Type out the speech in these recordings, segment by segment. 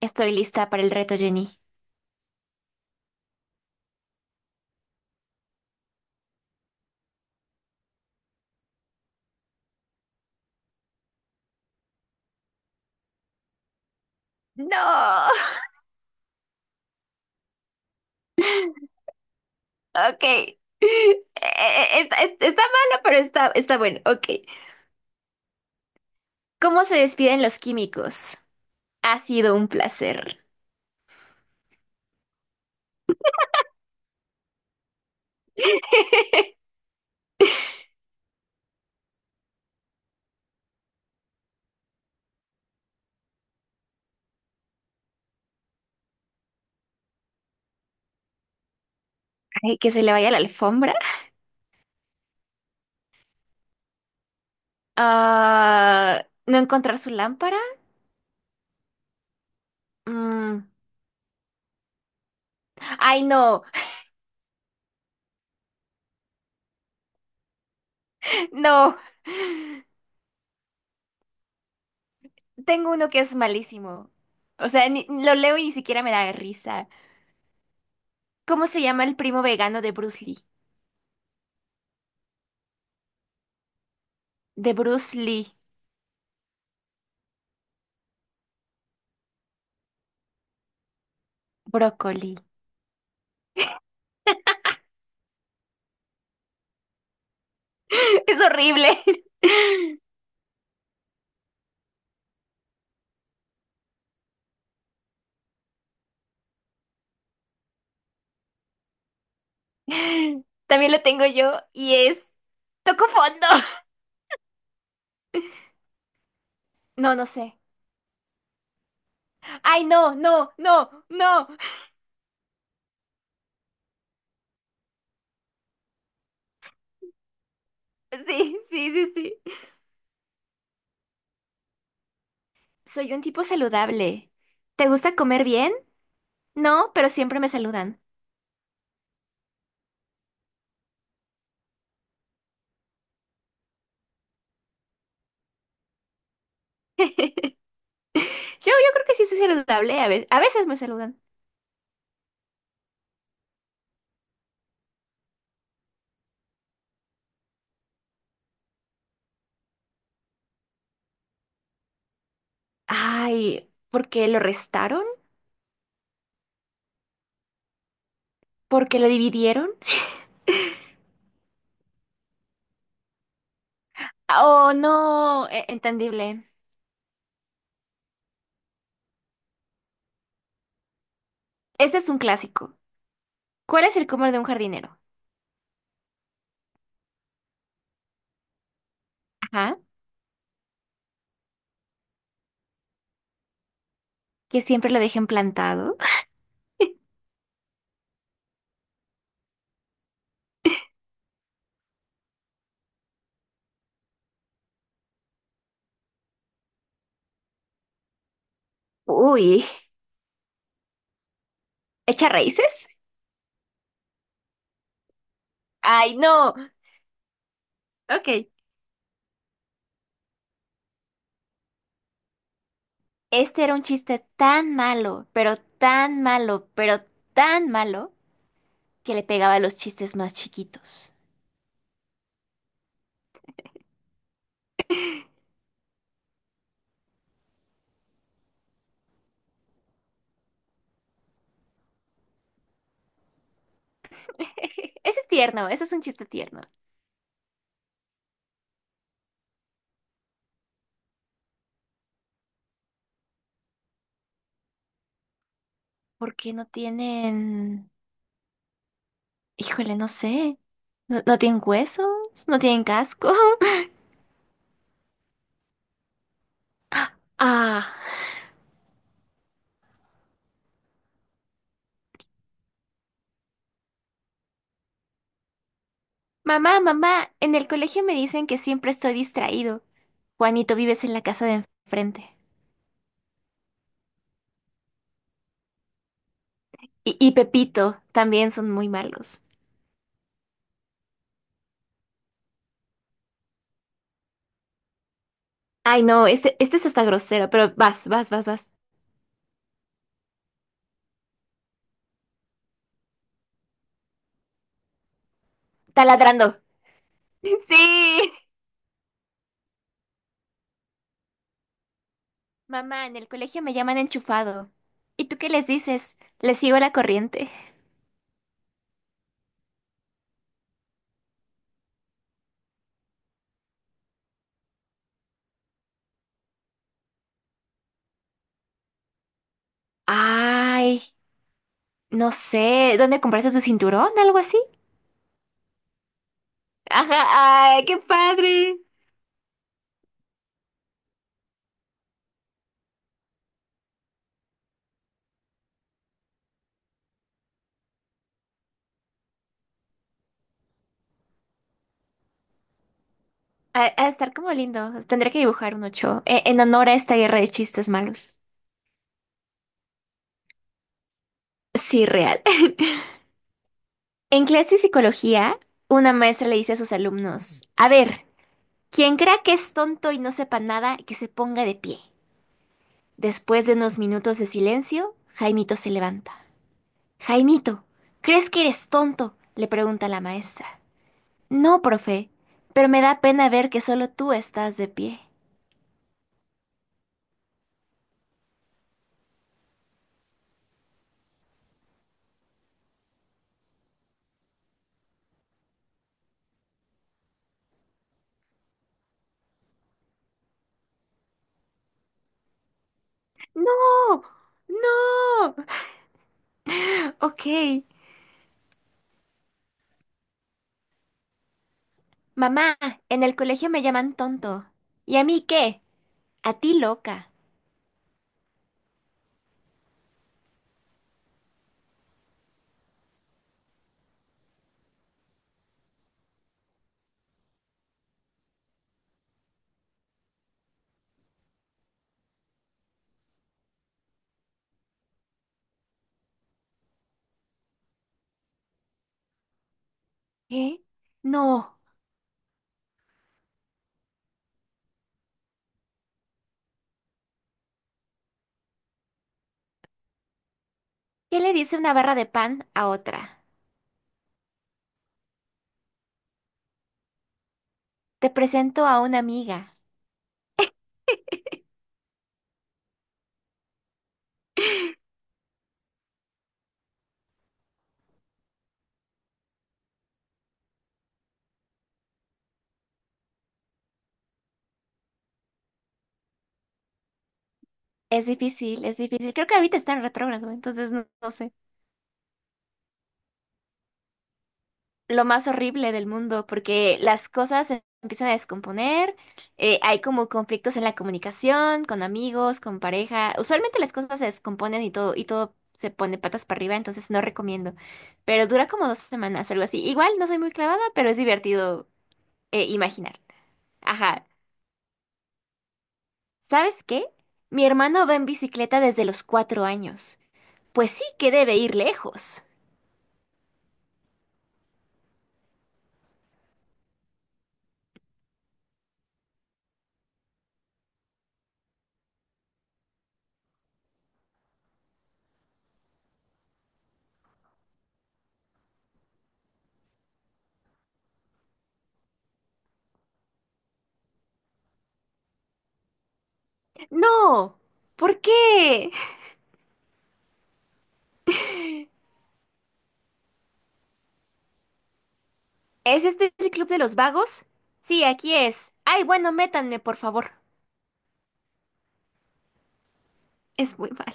Estoy lista para el reto, Jenny. No. Ok. Está, está malo, pero está, está bueno. Ok. ¿Cómo se despiden los químicos? Ha sido un placer. Ay, que se le vaya la alfombra. Ah, ¿no encontrar su lámpara? Mm. Ay, no, no. Tengo uno que es malísimo. O sea, lo leo y ni siquiera me da risa. ¿Cómo se llama el primo vegano de Bruce Lee? De Bruce Lee. Brócoli. Es horrible. También lo tengo yo y es toco fondo. No, no sé. Ay, no, no, no, no. Sí, sí, sí, sí. Soy un tipo saludable. ¿Te gusta comer bien? No, pero siempre me saludan. Yo, yo creo que sí soy saludable. A veces me saludan. Ay, ¿por qué lo restaron? ¿Por qué lo dividieron? Oh, no, entendible. Este es un clásico. ¿Cuál es el comer de un jardinero? Ajá. Que siempre lo dejen plantado. Uy, ¿echa raíces? Ay, no. Ok. Este era un chiste tan malo, pero tan malo, pero tan malo, que le pegaba a los chistes más chiquitos. Ese es tierno, ese es un chiste tierno. ¿Por qué no tienen... Híjole, no sé. ¿No, no tienen huesos? ¿No tienen casco? Ah. Mamá, mamá, en el colegio me dicen que siempre estoy distraído. Juanito, vives en la casa de enfrente. Y Pepito también son muy malos. Ay, no, este es hasta grosero, pero vas, vas, vas, vas. Taladrando. Sí. Mamá, en el colegio me llaman enchufado. ¿Y tú qué les dices? Les sigo la corriente. Ay, no sé, ¿dónde compraste tu cinturón? ¿Algo así? Ajá, ay, qué padre. A estar como lindo. Tendré que dibujar un 8 en honor a esta guerra de chistes malos. Sí, real. En clase de psicología, una maestra le dice a sus alumnos, a ver. Quien crea que es tonto y no sepa nada, que se ponga de pie. Después de unos minutos de silencio, Jaimito se levanta. Jaimito, ¿crees que eres tonto? Le pregunta la maestra. No, profe, pero me da pena ver que solo tú estás de pie. No, no. Ok. Mamá, en el colegio me llaman tonto. ¿Y a mí qué? A ti loca. ¿Qué? No. ¿Qué le dice una barra de pan a otra? Te presento a una amiga. Es difícil, es difícil. Creo que ahorita está en retrógrado, entonces no, no sé. Lo más horrible del mundo, porque las cosas se empiezan a descomponer, hay como conflictos en la comunicación, con amigos, con pareja. Usualmente las cosas se descomponen y todo se pone patas para arriba, entonces no recomiendo. Pero dura como 2 semanas, algo así. Igual no soy muy clavada, pero es divertido imaginar. Ajá. ¿Sabes qué? Mi hermano va en bicicleta desde los 4 años. Pues sí que debe ir lejos. No, ¿por qué? ¿Es este el club de los vagos? Sí, aquí es. Ay, bueno, métanme, por favor. Es muy mal.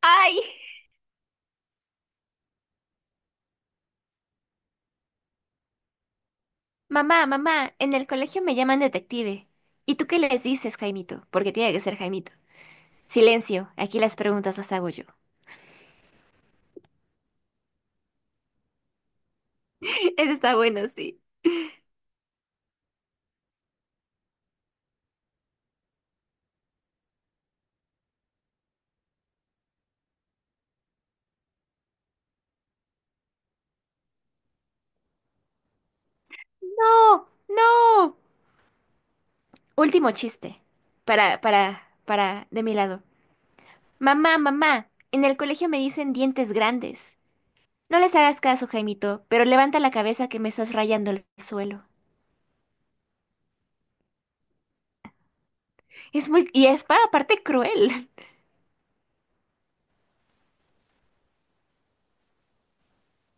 ¡Ay! Mamá, mamá, en el colegio me llaman detective. ¿Y tú qué les dices, Jaimito? Porque tiene que ser Jaimito. Silencio, aquí las preguntas las hago yo. Eso está bueno, sí. No, no. Último chiste. Para, de mi lado. Mamá, mamá, en el colegio me dicen dientes grandes. No les hagas caso, Jaimito, pero levanta la cabeza que me estás rayando el suelo. Es muy... Y es para aparte cruel.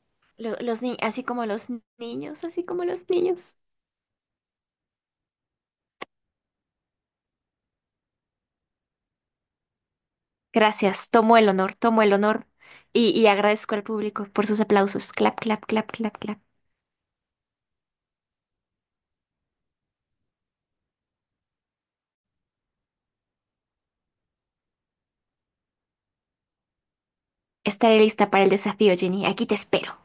Los ni... Así como los niños, así como los niños. Gracias, tomo el honor, tomo el honor. Y agradezco al público por sus aplausos. Clap, clap, clap, clap, clap. Estaré lista para el desafío, Jenny. Aquí te espero.